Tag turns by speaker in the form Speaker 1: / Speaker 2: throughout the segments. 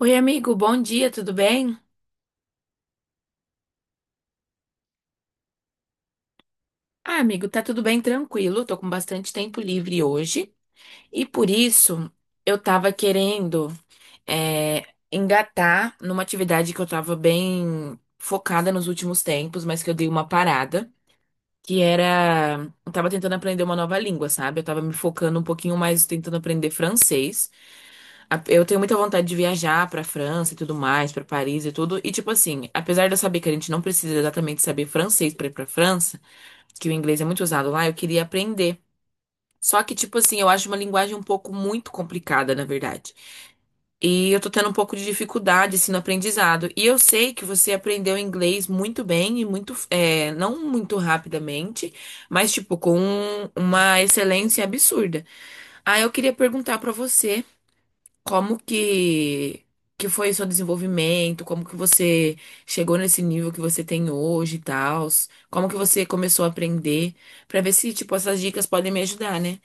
Speaker 1: Oi, amigo, bom dia, tudo bem? Ah, amigo, tá tudo bem, tranquilo. Tô com bastante tempo livre hoje e por isso eu tava querendo é, engatar numa atividade que eu tava bem focada nos últimos tempos, mas que eu dei uma parada, que era. Eu tava tentando aprender uma nova língua, sabe? Eu tava me focando um pouquinho mais tentando aprender francês. Eu tenho muita vontade de viajar pra França e tudo mais, pra Paris e tudo. E, tipo assim, apesar de eu saber que a gente não precisa exatamente saber francês pra ir pra França, que o inglês é muito usado lá, eu queria aprender. Só que, tipo assim, eu acho uma linguagem um pouco muito complicada, na verdade. E eu tô tendo um pouco de dificuldade, assim, no aprendizado. E eu sei que você aprendeu inglês muito bem e muito, não muito rapidamente, mas, tipo, com uma excelência absurda. Ah, eu queria perguntar pra você. Como que foi o seu desenvolvimento? Como que você chegou nesse nível que você tem hoje e tal? Como que você começou a aprender? Pra ver se, tipo, essas dicas podem me ajudar, né?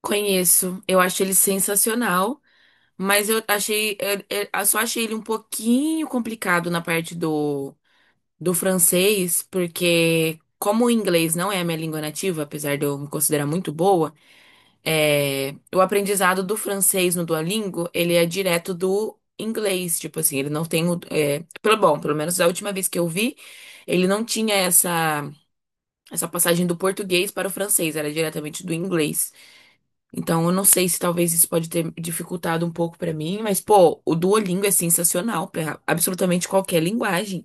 Speaker 1: Conheço, eu acho ele sensacional, mas eu só achei ele um pouquinho complicado na parte do francês, porque como o inglês não é a minha língua nativa, apesar de eu me considerar muito boa. É, o aprendizado do francês no Duolingo, ele é direto do inglês, tipo assim, ele não tem o, pelo menos a última vez que eu vi, ele não tinha essa passagem do português para o francês, era diretamente do inglês. Então eu não sei se talvez isso pode ter dificultado um pouco pra mim, mas pô, o Duolingo é sensacional para absolutamente qualquer linguagem.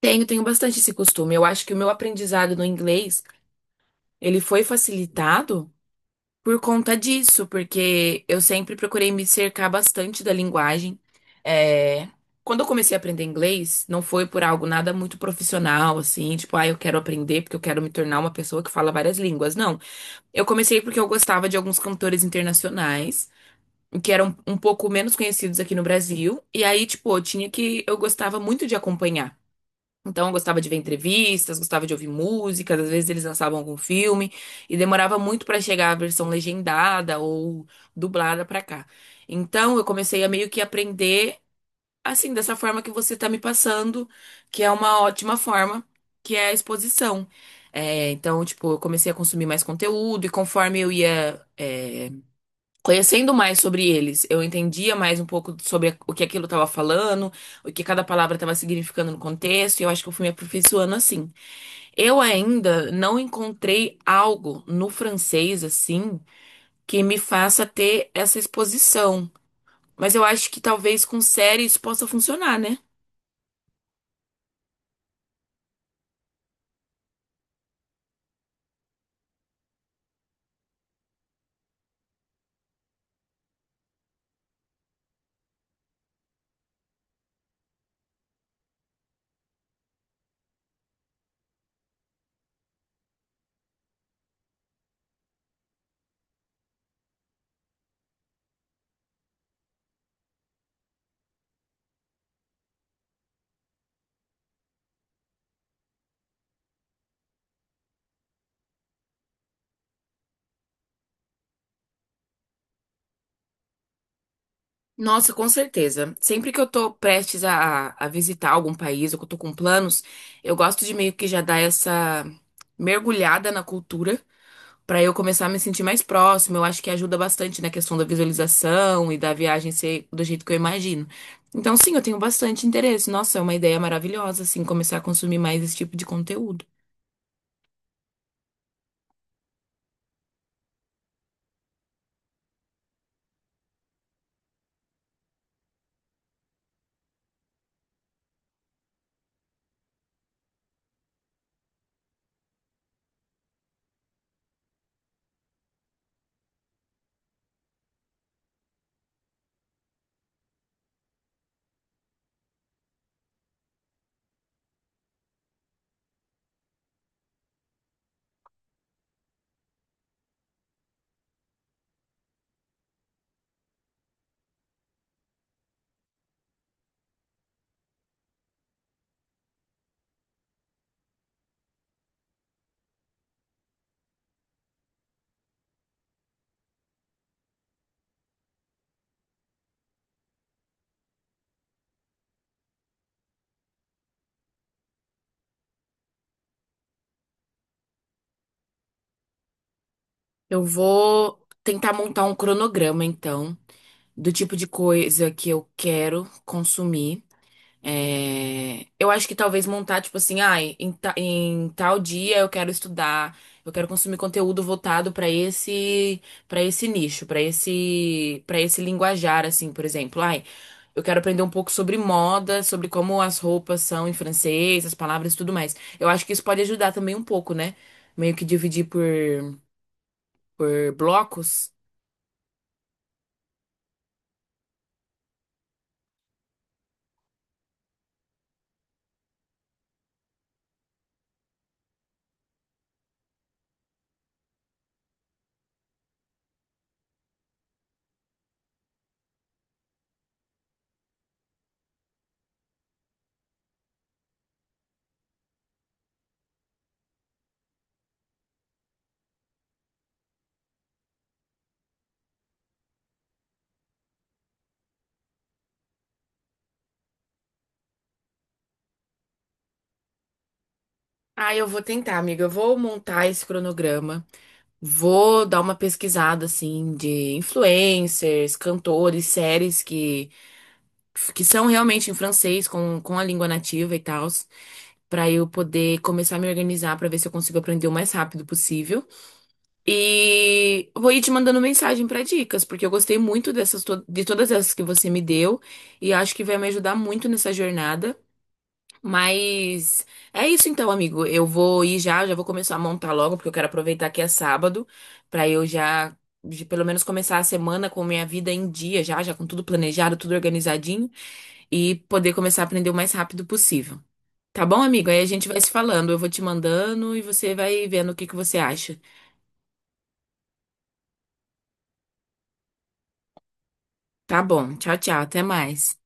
Speaker 1: Tenho, tenho bastante esse costume. Eu acho que o meu aprendizado no inglês, ele foi facilitado por conta disso, porque eu sempre procurei me cercar bastante da linguagem. É, quando eu comecei a aprender inglês, não foi por algo nada muito profissional, assim, tipo, ah, eu quero aprender porque eu quero me tornar uma pessoa que fala várias línguas. Não, eu comecei porque eu gostava de alguns cantores internacionais, que eram um pouco menos conhecidos aqui no Brasil, e aí, tipo, eu gostava muito de acompanhar. Então, eu gostava de ver entrevistas, gostava de ouvir músicas, às vezes eles lançavam algum filme e demorava muito pra chegar a versão legendada ou dublada pra cá. Então, eu comecei a meio que aprender assim, dessa forma que você tá me passando, que é uma ótima forma, que é a exposição. É, então, tipo, eu comecei a consumir mais conteúdo e conforme eu ia, conhecendo mais sobre eles, eu entendia mais um pouco sobre o que aquilo estava falando, o que cada palavra estava significando no contexto, e eu acho que eu fui me aperfeiçoando assim. Eu ainda não encontrei algo no francês assim que me faça ter essa exposição, mas eu acho que talvez com série isso possa funcionar, né? Nossa, com certeza. Sempre que eu tô prestes a visitar algum país ou que eu tô com planos, eu gosto de meio que já dar essa mergulhada na cultura. Pra eu começar a me sentir mais próximo, eu acho que ajuda bastante na questão da visualização e da viagem ser do jeito que eu imagino. Então, sim, eu tenho bastante interesse. Nossa, é uma ideia maravilhosa, assim, começar a consumir mais esse tipo de conteúdo. Eu vou tentar montar um cronograma, então, do tipo de coisa que eu quero consumir. É, eu acho que talvez montar, tipo assim, ah, em tal dia eu quero estudar, eu quero consumir conteúdo voltado para esse nicho, para esse linguajar, assim, por exemplo. Ai, eu quero aprender um pouco sobre moda, sobre como as roupas são em francês, as palavras e tudo mais. Eu acho que isso pode ajudar também um pouco, né? Meio que por blocos. Ah, eu vou tentar, amiga. Eu vou montar esse cronograma. Vou dar uma pesquisada assim de influencers, cantores, séries que são realmente em francês com a língua nativa e tal, para eu poder começar a me organizar para ver se eu consigo aprender o mais rápido possível. E vou ir te mandando mensagem para dicas, porque eu gostei muito de todas essas que você me deu e acho que vai me ajudar muito nessa jornada. Mas é isso então, amigo. Eu vou ir já, já vou começar a montar logo, porque eu quero aproveitar que é sábado, pra eu já, pelo menos começar a semana com minha vida em dia, já, já com tudo planejado, tudo organizadinho, e poder começar a aprender o mais rápido possível. Tá bom, amigo? Aí a gente vai se falando. Eu vou te mandando e você vai vendo o que que você acha. Tá bom. Tchau, tchau. Até mais.